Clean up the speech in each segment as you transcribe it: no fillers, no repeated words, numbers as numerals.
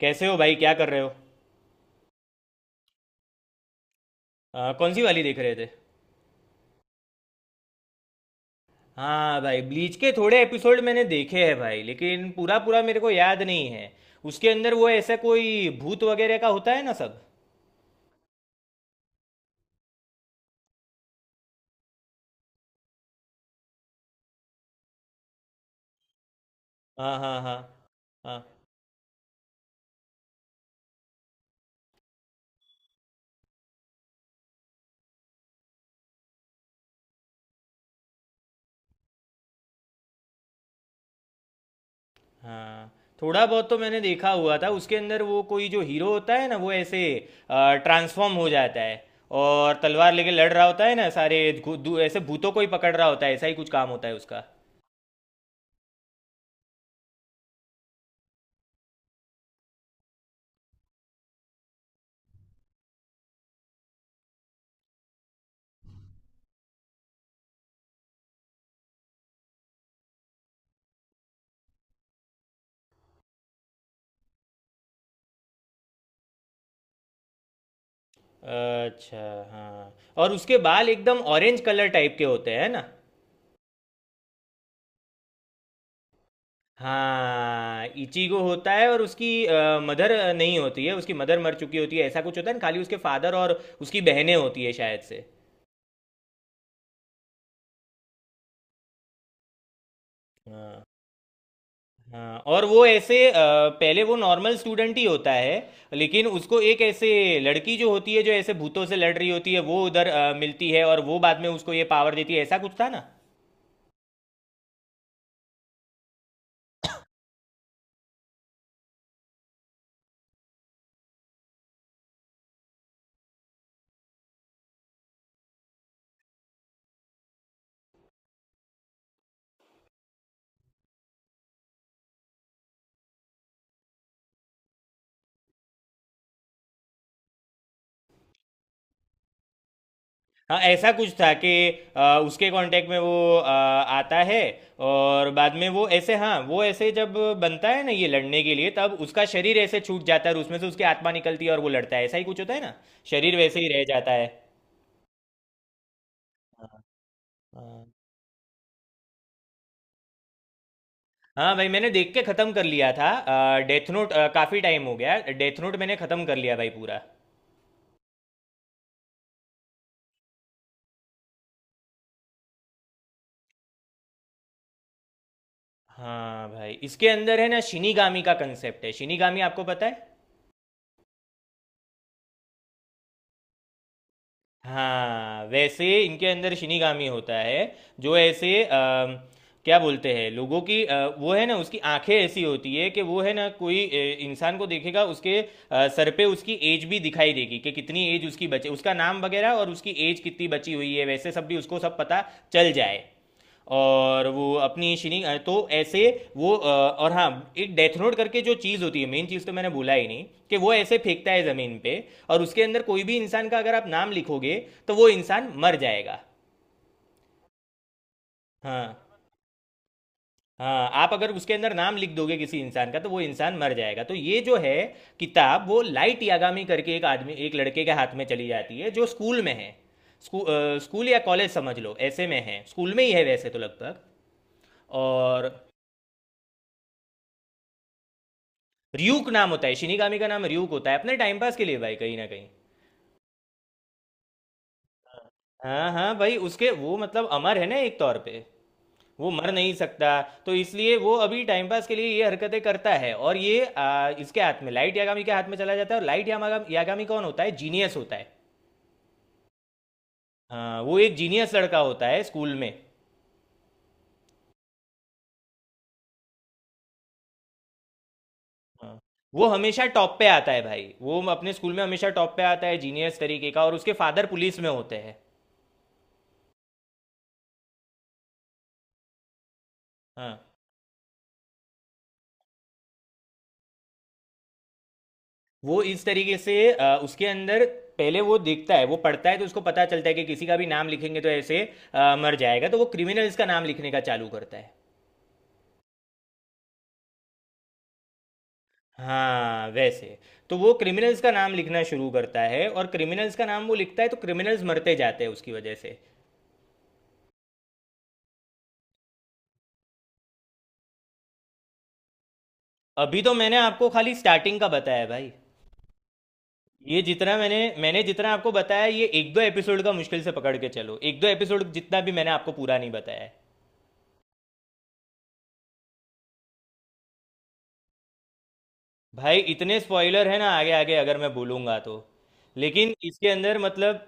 कैसे हो भाई, क्या कर रहे हो। कौन सी वाली देख रहे थे। हाँ भाई, ब्लीच के थोड़े एपिसोड मैंने देखे हैं भाई, लेकिन पूरा पूरा मेरे को याद नहीं है। उसके अंदर वो ऐसा कोई भूत वगैरह का होता है ना सब। हाँ हाँ हाँ। हाँ हाँ, थोड़ा बहुत तो मैंने देखा हुआ था। उसके अंदर वो कोई जो हीरो होता है ना, वो ऐसे ट्रांसफॉर्म हो जाता है और तलवार लेके लड़ रहा होता है ना सारे धू- धू- ऐसे भूतों को ही पकड़ रहा होता है, ऐसा ही कुछ काम होता है उसका। अच्छा, हाँ। और उसके बाल एकदम ऑरेंज कलर टाइप के होते हैं ना? हाँ, इचिगो होता है। और उसकी मदर नहीं होती है, उसकी मदर मर चुकी होती है, ऐसा कुछ होता है ना। खाली उसके फादर और उसकी बहनें होती है शायद से। हाँ हाँ। और वो ऐसे पहले वो नॉर्मल स्टूडेंट ही होता है, लेकिन उसको एक ऐसे लड़की जो होती है, जो ऐसे भूतों से लड़ रही होती है, वो उधर मिलती है और वो बाद में उसको ये पावर देती है, ऐसा कुछ था ना। हाँ ऐसा कुछ था कि उसके कांटेक्ट में वो आता है। और बाद में वो ऐसे, हाँ वो ऐसे जब बनता है ना ये लड़ने के लिए, तब उसका शरीर ऐसे छूट जाता है और उसमें से उसकी आत्मा निकलती है और वो लड़ता है, ऐसा ही कुछ होता है ना। शरीर वैसे ही रह जाता है। हाँ हाँ। हाँ भाई, मैंने देख के ख़त्म कर लिया था डेथ नोट, काफ़ी टाइम हो गया। डेथ नोट मैंने ख़त्म कर लिया भाई पूरा। हाँ भाई, इसके अंदर है ना शिनीगामी का कंसेप्ट है। शिनीगामी आपको पता है। हाँ, वैसे इनके अंदर शिनिगामी होता है जो ऐसे क्या बोलते हैं, लोगों की वो है ना, उसकी आंखें ऐसी होती है कि वो है ना, कोई इंसान को देखेगा, उसके सर पे उसकी एज भी दिखाई देगी, कि कितनी एज उसकी बचे, उसका नाम वगैरह और उसकी एज कितनी बची हुई है वैसे सब, भी उसको सब पता चल जाए। और वो अपनी शिनिंग तो ऐसे वो और हाँ, एक डेथ नोट करके जो चीज़ होती है मेन चीज़ तो मैंने बोला ही नहीं, कि वो ऐसे फेंकता है ज़मीन पे और उसके अंदर कोई भी इंसान का अगर आप नाम लिखोगे तो वो इंसान मर जाएगा। हाँ। हाँ, आप अगर उसके अंदर नाम लिख दोगे किसी इंसान का तो वो इंसान मर जाएगा। तो ये जो है किताब, वो लाइट यागामी करके एक आदमी, एक लड़के के हाथ में चली जाती है जो स्कूल में है। स्कूल या कॉलेज समझ लो, ऐसे में है, स्कूल में ही है वैसे तो लगभग। और र्यूक नाम होता है शिनिगामी का, नाम र्यूक होता है। अपने टाइम पास के लिए भाई, कहीं ना कहीं। हाँ हाँ भाई, उसके वो मतलब अमर है ना एक तौर पे। वो मर नहीं सकता। तो इसलिए वो अभी टाइम पास के लिए ये हरकतें करता है। और ये इसके हाथ में, लाइट यागामी के हाथ में चला जाता है। और लाइट यागामी, कौन होता है, जीनियस होता है। हाँ, वो एक जीनियस लड़का होता है स्कूल में। हाँ, वो हमेशा टॉप पे आता है भाई, वो अपने स्कूल में हमेशा टॉप पे आता है जीनियस तरीके का। और उसके फादर पुलिस में होते हैं। हाँ, वो इस तरीके से उसके अंदर पहले वो देखता है, वो पढ़ता है तो उसको पता चलता है कि किसी का भी नाम लिखेंगे तो ऐसे मर जाएगा। तो वो क्रिमिनल्स का नाम लिखने का चालू करता है। हाँ वैसे। तो वो क्रिमिनल्स का नाम लिखना शुरू करता है और क्रिमिनल्स का नाम वो लिखता है तो क्रिमिनल्स मरते जाते हैं उसकी वजह से। अभी तो मैंने आपको खाली स्टार्टिंग का बताया भाई। ये जितना मैंने मैंने जितना आपको बताया, ये एक दो एपिसोड का, मुश्किल से पकड़ के चलो एक दो एपिसोड, जितना भी मैंने आपको पूरा नहीं बताया है। भाई इतने स्पॉइलर है ना आगे आगे, अगर मैं बोलूंगा तो। लेकिन इसके अंदर मतलब,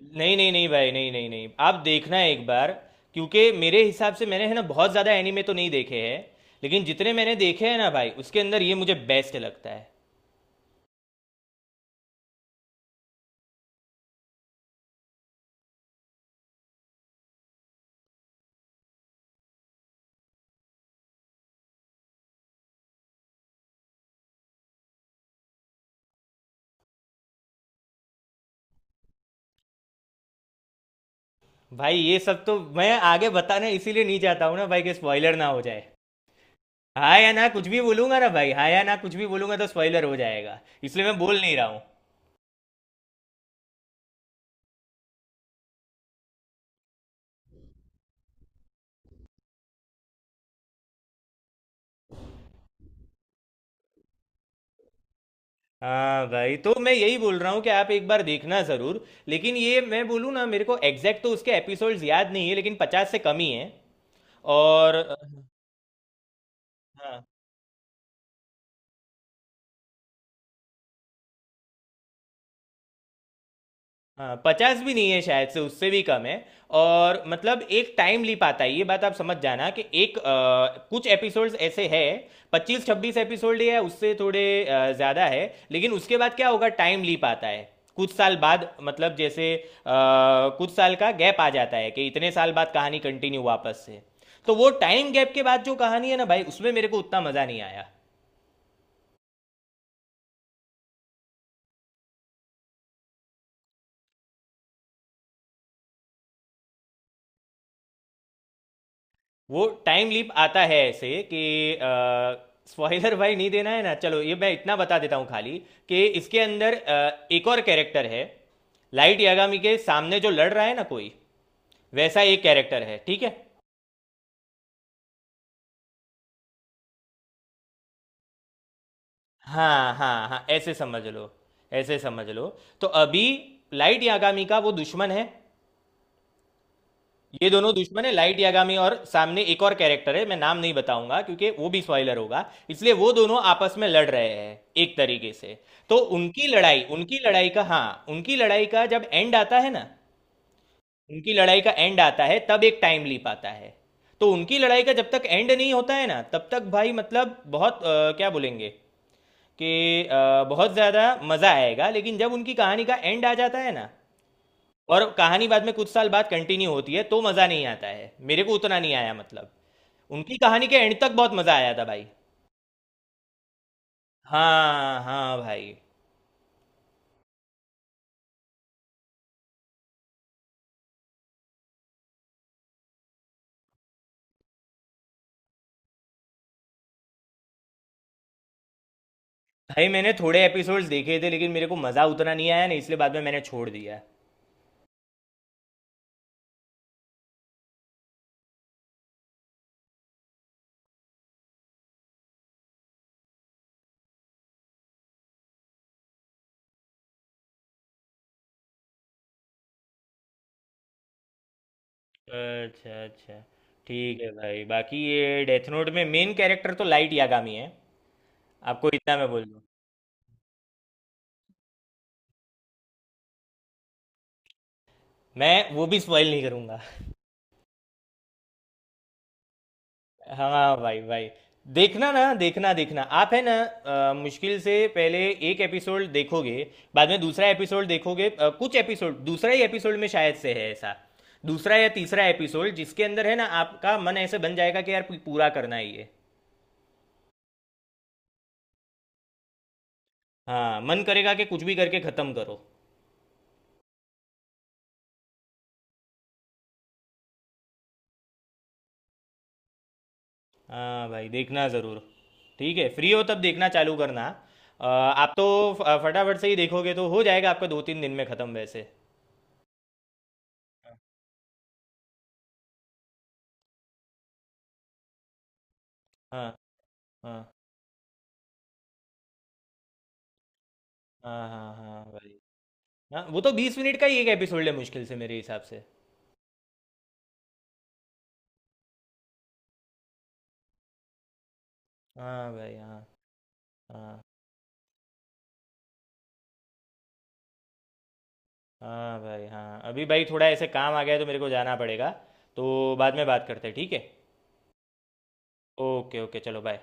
नहीं नहीं नहीं भाई, नहीं नहीं नहीं, आप देखना एक बार। क्योंकि मेरे हिसाब से मैंने है ना बहुत ज़्यादा एनीमे तो नहीं देखे हैं, लेकिन जितने मैंने देखे हैं ना भाई, उसके अंदर ये मुझे बेस्ट लगता है। भाई ये सब तो मैं आगे बताने इसीलिए नहीं चाहता हूँ ना भाई, कि स्पॉइलर ना हो जाए। हाँ या ना कुछ भी बोलूंगा ना भाई, हाँ या ना कुछ भी बोलूंगा तो स्पॉइलर हो जाएगा, इसलिए मैं बोल नहीं रहा हूँ। हाँ भाई, तो मैं यही बोल रहा हूँ कि आप एक बार देखना ज़रूर। लेकिन ये मैं बोलूँ ना, मेरे को एग्जैक्ट तो उसके एपिसोड्स याद नहीं है, लेकिन 50 से कम ही है। और हाँ हाँ, 50 भी नहीं है शायद से, उससे भी कम है। और मतलब एक टाइम ली पाता है, ये बात आप समझ जाना कि एक कुछ एपिसोड्स ऐसे हैं, 25-26 एपिसोड या उससे थोड़े ज़्यादा है, लेकिन उसके बाद क्या होगा, टाइम ली पाता है। कुछ साल बाद मतलब, जैसे कुछ साल का गैप आ जाता है कि इतने साल बाद कहानी कंटिन्यू वापस से। तो वो टाइम गैप के बाद जो कहानी है ना भाई, उसमें मेरे को उतना मज़ा नहीं आया। वो टाइम लीप आता है ऐसे कि, स्पॉइलर भाई नहीं देना है ना। चलो ये मैं इतना बता देता हूँ खाली, कि इसके अंदर एक और कैरेक्टर है, लाइट यागामी के सामने जो लड़ रहा है ना कोई, वैसा एक कैरेक्टर है, ठीक है। हाँ हाँ हाँ, ऐसे समझ लो, ऐसे समझ लो। तो अभी लाइट यागामी का वो दुश्मन है। ये दोनों दुश्मन है, लाइट यागामी और सामने एक और कैरेक्टर है, मैं नाम नहीं बताऊंगा क्योंकि वो भी स्पॉइलर होगा। इसलिए वो दोनों आपस में लड़ रहे हैं एक तरीके से। तो उनकी लड़ाई, उनकी लड़ाई का हाँ उनकी लड़ाई का जब एंड आता है ना, उनकी लड़ाई का एंड आता है तब एक टाइम लीप आता है। तो उनकी लड़ाई का जब तक एंड नहीं होता है ना, तब तक भाई मतलब बहुत क्या बोलेंगे कि बहुत ज़्यादा मज़ा आएगा। लेकिन जब उनकी कहानी का एंड आ जाता है ना और कहानी बाद में कुछ साल बाद कंटिन्यू होती है, तो मज़ा नहीं आता है, मेरे को उतना नहीं आया मतलब। उनकी कहानी के एंड तक बहुत मज़ा आया था भाई। हाँ हाँ भाई। भाई मैंने थोड़े एपिसोड्स देखे थे, लेकिन मेरे को मज़ा उतना नहीं आया ना, इसलिए बाद में मैंने छोड़ दिया। अच्छा अच्छा। ठीक है भाई, बाकी ये डेथ नोट में मेन कैरेक्टर तो लाइट यागामी है, आपको इतना मैं बोल दूँ। मैं वो भी स्पॉइल नहीं करूंगा। हाँ भाई भाई, देखना ना देखना, देखना आप है ना। मुश्किल से पहले एक एपिसोड देखोगे, बाद में दूसरा एपिसोड देखोगे, कुछ एपिसोड, दूसरा ही एपिसोड में शायद से है ऐसा, दूसरा या तीसरा एपिसोड जिसके अंदर है ना, आपका मन ऐसे बन जाएगा कि यार पूरा करना ही है। हाँ, मन करेगा कि कुछ भी करके ख़त्म करो। हाँ भाई देखना ज़रूर। ठीक है, फ्री हो तब देखना चालू करना। आप तो फटाफट से ही देखोगे तो हो जाएगा आपका दो तीन दिन में ख़त्म वैसे। हाँ हाँ हाँ। हाँ हाँ भाई। हाँ वो तो 20 मिनट का ही एक एपिसोड है, मुश्किल से मेरे हिसाब से। हाँ भाई हाँ। हाँ हाँ भाई। हाँ अभी भाई, थोड़ा ऐसे काम आ गया है तो मेरे को जाना पड़ेगा, तो बाद में बात करते हैं, ठीक है। ओके ओके, चलो बाय।